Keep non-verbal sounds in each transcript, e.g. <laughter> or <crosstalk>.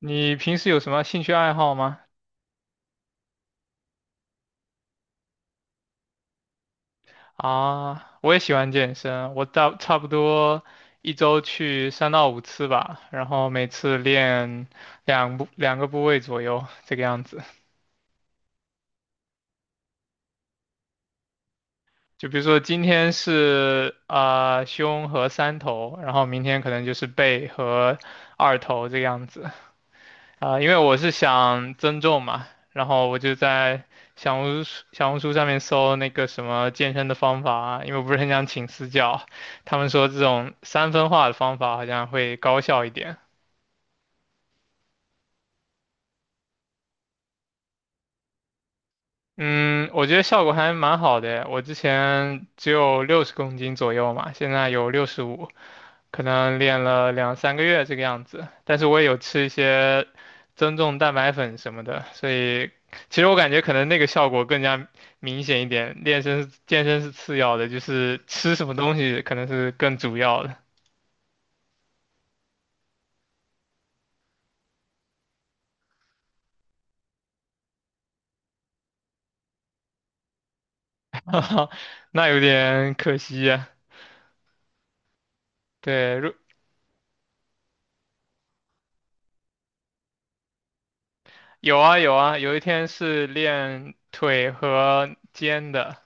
你平时有什么兴趣爱好吗？啊，我也喜欢健身，我到差不多一周去3到5次吧，然后每次练两个部位左右，这个样子。就比如说今天是胸和三头，然后明天可能就是背和二头这个样子。啊，因为我是想增重嘛，然后我就在小红书上面搜那个什么健身的方法啊，因为我不是很想请私教，他们说这种三分化的方法好像会高效一点。嗯，我觉得效果还蛮好的，我之前只有60公斤左右嘛，现在有65。可能练了两三个月这个样子，但是我也有吃一些增重蛋白粉什么的，所以其实我感觉可能那个效果更加明显一点。练身是健身是次要的，就是吃什么东西可能是更主要的。<laughs> 哈哈，那有点可惜呀。对，有啊有啊，有一天是练腿和肩的。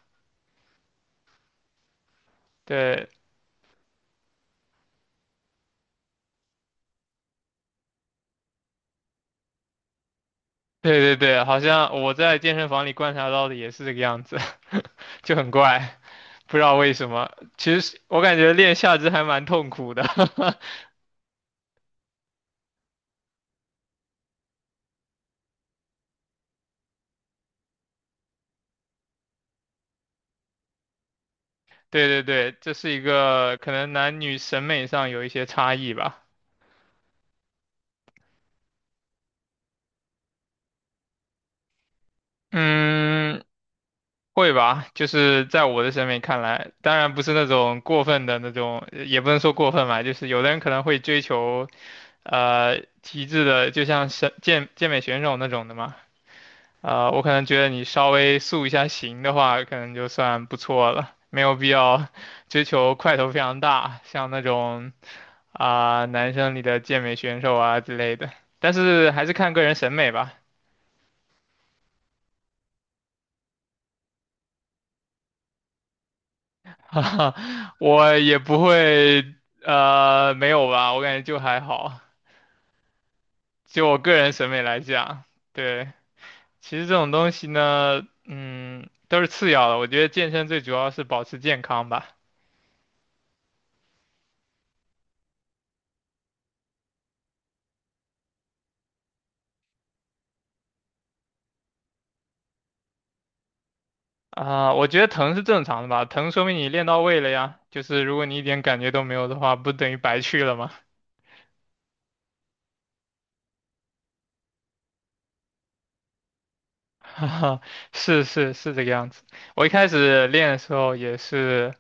对，对对对，好像我在健身房里观察到的也是这个样子。<laughs> 就很怪，不知道为什么。其实我感觉练下肢还蛮痛苦的。<laughs> 对对对，这是一个可能男女审美上有一些差异吧。嗯，会吧，就是在我的审美看来，当然不是那种过分的那种，也不能说过分吧，就是有的人可能会追求，极致的，就像是健健美选手那种的嘛。我可能觉得你稍微塑一下形的话，可能就算不错了，没有必要 <laughs> 追求块头非常大，像那种男生里的健美选手啊之类的。但是还是看个人审美吧。<laughs> 哈哈，我也不会没有吧，我感觉就还好，就我个人审美来讲。对，其实这种东西呢，嗯，都是次要的，我觉得健身最主要是保持健康吧。啊，我觉得疼是正常的吧，疼说明你练到位了呀。就是如果你一点感觉都没有的话，不等于白去了吗？<laughs> 哈哈，是是是这个样子。我一开始练的时候也是，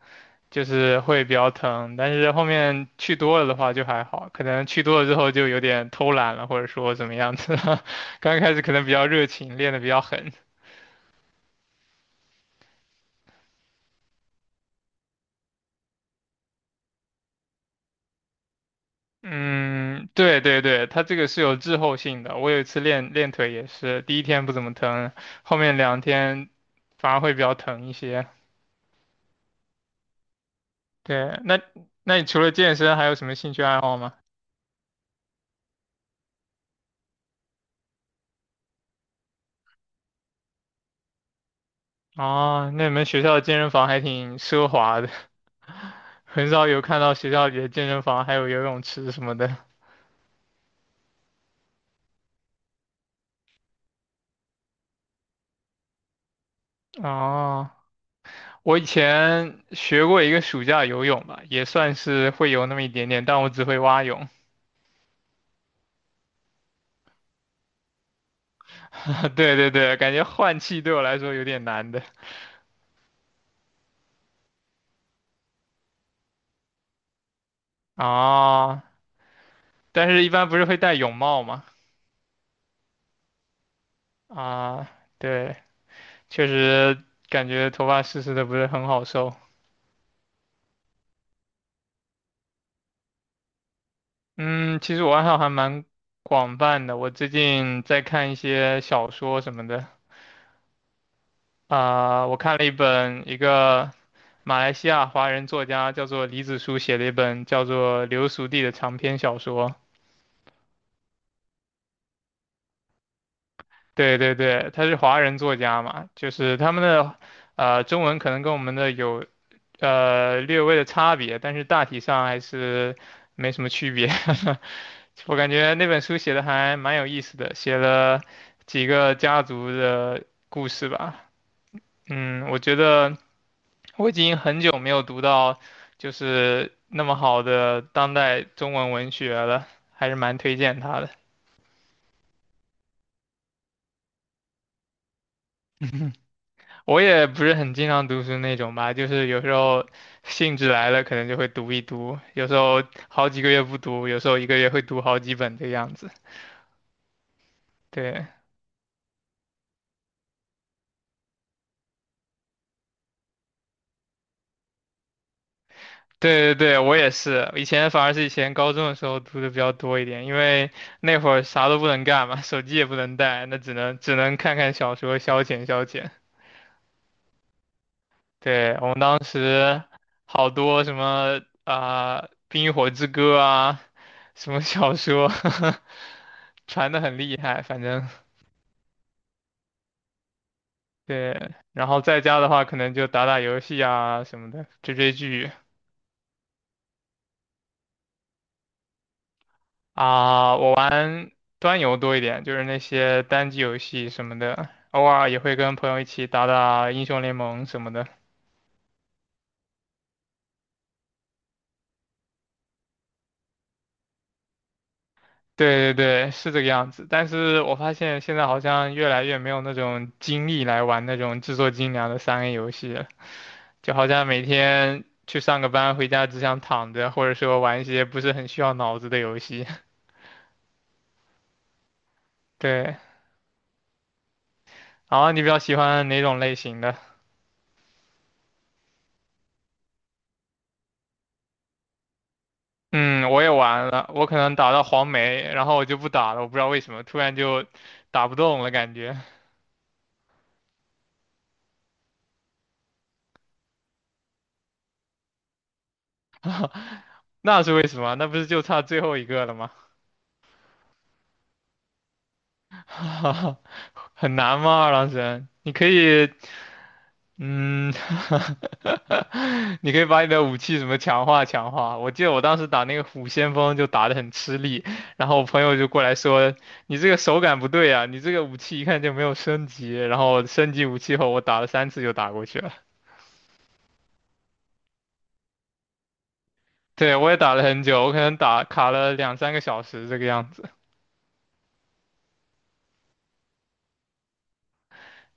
就是会比较疼，但是后面去多了的话就还好，可能去多了之后就有点偷懒了，或者说怎么样子。<laughs> 刚开始可能比较热情，练得比较狠。嗯，对对对，它这个是有滞后性的。我有一次练练腿也是，第一天不怎么疼，后面两天反而会比较疼一些。对，那你除了健身还有什么兴趣爱好吗？哦，那你们学校的健身房还挺奢华的。<laughs> 很少有看到学校里的健身房还有游泳池什么的。哦，我以前学过一个暑假游泳吧，也算是会游那么一点点，但我只会蛙泳。<laughs> 对对对，感觉换气对我来说有点难的。啊，但是一般不是会戴泳帽吗？啊，对，确实感觉头发湿湿的不是很好受。嗯，其实我爱好还蛮广泛的，我最近在看一些小说什么的。啊，我看了一个马来西亚华人作家叫做李子书写的一本叫做《流俗地》的长篇小说。对对对，他是华人作家嘛，就是他们的中文可能跟我们的有略微的差别，但是大体上还是没什么区别。<laughs> 我感觉那本书写的还蛮有意思的，写了几个家族的故事吧。嗯，我觉得我已经很久没有读到就是那么好的当代中文文学了，还是蛮推荐他的。我也不是很经常读书那种吧，就是有时候兴致来了，可能就会读一读，有时候好几个月不读，有时候一个月会读好几本这个样子。对对对对，我也是。以前反而是以前高中的时候读的比较多一点，因为那会儿啥都不能干嘛，手机也不能带，那只能看看小说消遣消遣。对，我们当时好多什么啊，冰与火之歌》啊，什么小说。<laughs> 传的很厉害，反正对。然后在家的话，可能就打打游戏啊什么的，追追剧。啊，我玩端游多一点，就是那些单机游戏什么的，偶尔也会跟朋友一起打打英雄联盟什么的。对对对，是这个样子。但是我发现现在好像越来越没有那种精力来玩那种制作精良的3A 游戏了，就好像每天去上个班，回家只想躺着，或者说玩一些不是很需要脑子的游戏。<laughs> 对，然后你比较喜欢哪种类型的？嗯，我也玩了，我可能打到黄梅，然后我就不打了，我不知道为什么，突然就打不动了感觉。<laughs> 那是为什么？那不是就差最后一个了吗？<laughs> 很难吗？二郎神，你可以。嗯，<laughs> 你可以把你的武器什么强化强化。我记得我当时打那个虎先锋就打得很吃力，然后我朋友就过来说，你这个手感不对啊，你这个武器一看就没有升级。然后升级武器后，我打了3次就打过去了。对，我也打了很久，我可能打卡了两三个小时这个样子。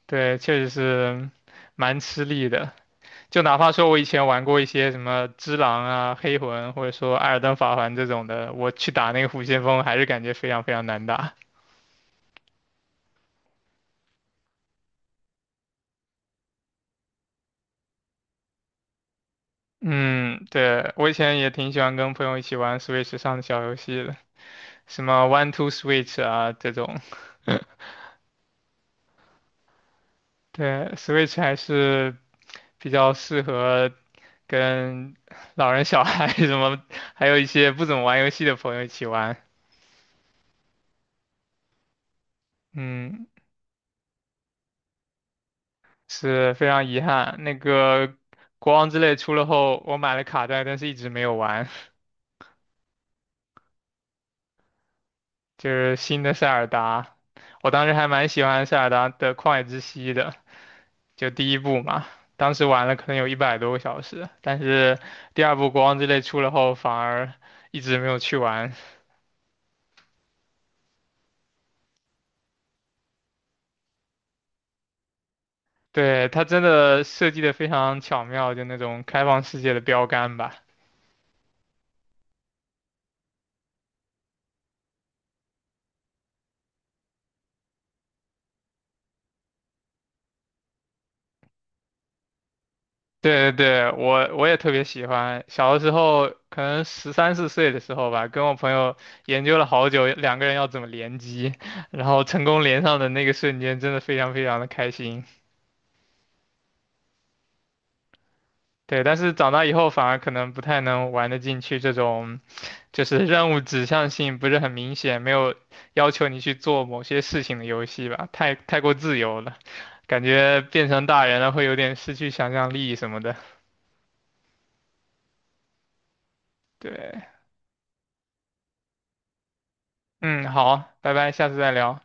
对，确实是蛮吃力的。就哪怕说我以前玩过一些什么只狼啊、黑魂，或者说艾尔登法环这种的，我去打那个虎先锋，还是感觉非常非常难打。嗯，对，我以前也挺喜欢跟朋友一起玩 Switch 上的小游戏的，什么 One Two Switch 啊这种。对，Switch 还是比较适合跟老人、小孩 <laughs> 什么，还有一些不怎么玩游戏的朋友一起玩。嗯，是非常遗憾。那个国王之泪出了后，我买了卡带，但是一直没有玩。<laughs> 就是新的塞尔达。我当时还蛮喜欢塞尔达的旷野之息的，就第一部嘛。当时玩了可能有100多个小时，但是第二部国王之泪出了后，反而一直没有去玩。对，它真的设计的非常巧妙，就那种开放世界的标杆吧。对对对，我也特别喜欢。小的时候，可能13、14岁的时候吧，跟我朋友研究了好久，两个人要怎么联机，然后成功连上的那个瞬间，真的非常非常的开心。对，但是长大以后反而可能不太能玩得进去这种，就是任务指向性不是很明显，没有要求你去做某些事情的游戏吧，太过自由了，感觉变成大人了会有点失去想象力什么的。对，嗯，好，拜拜，下次再聊。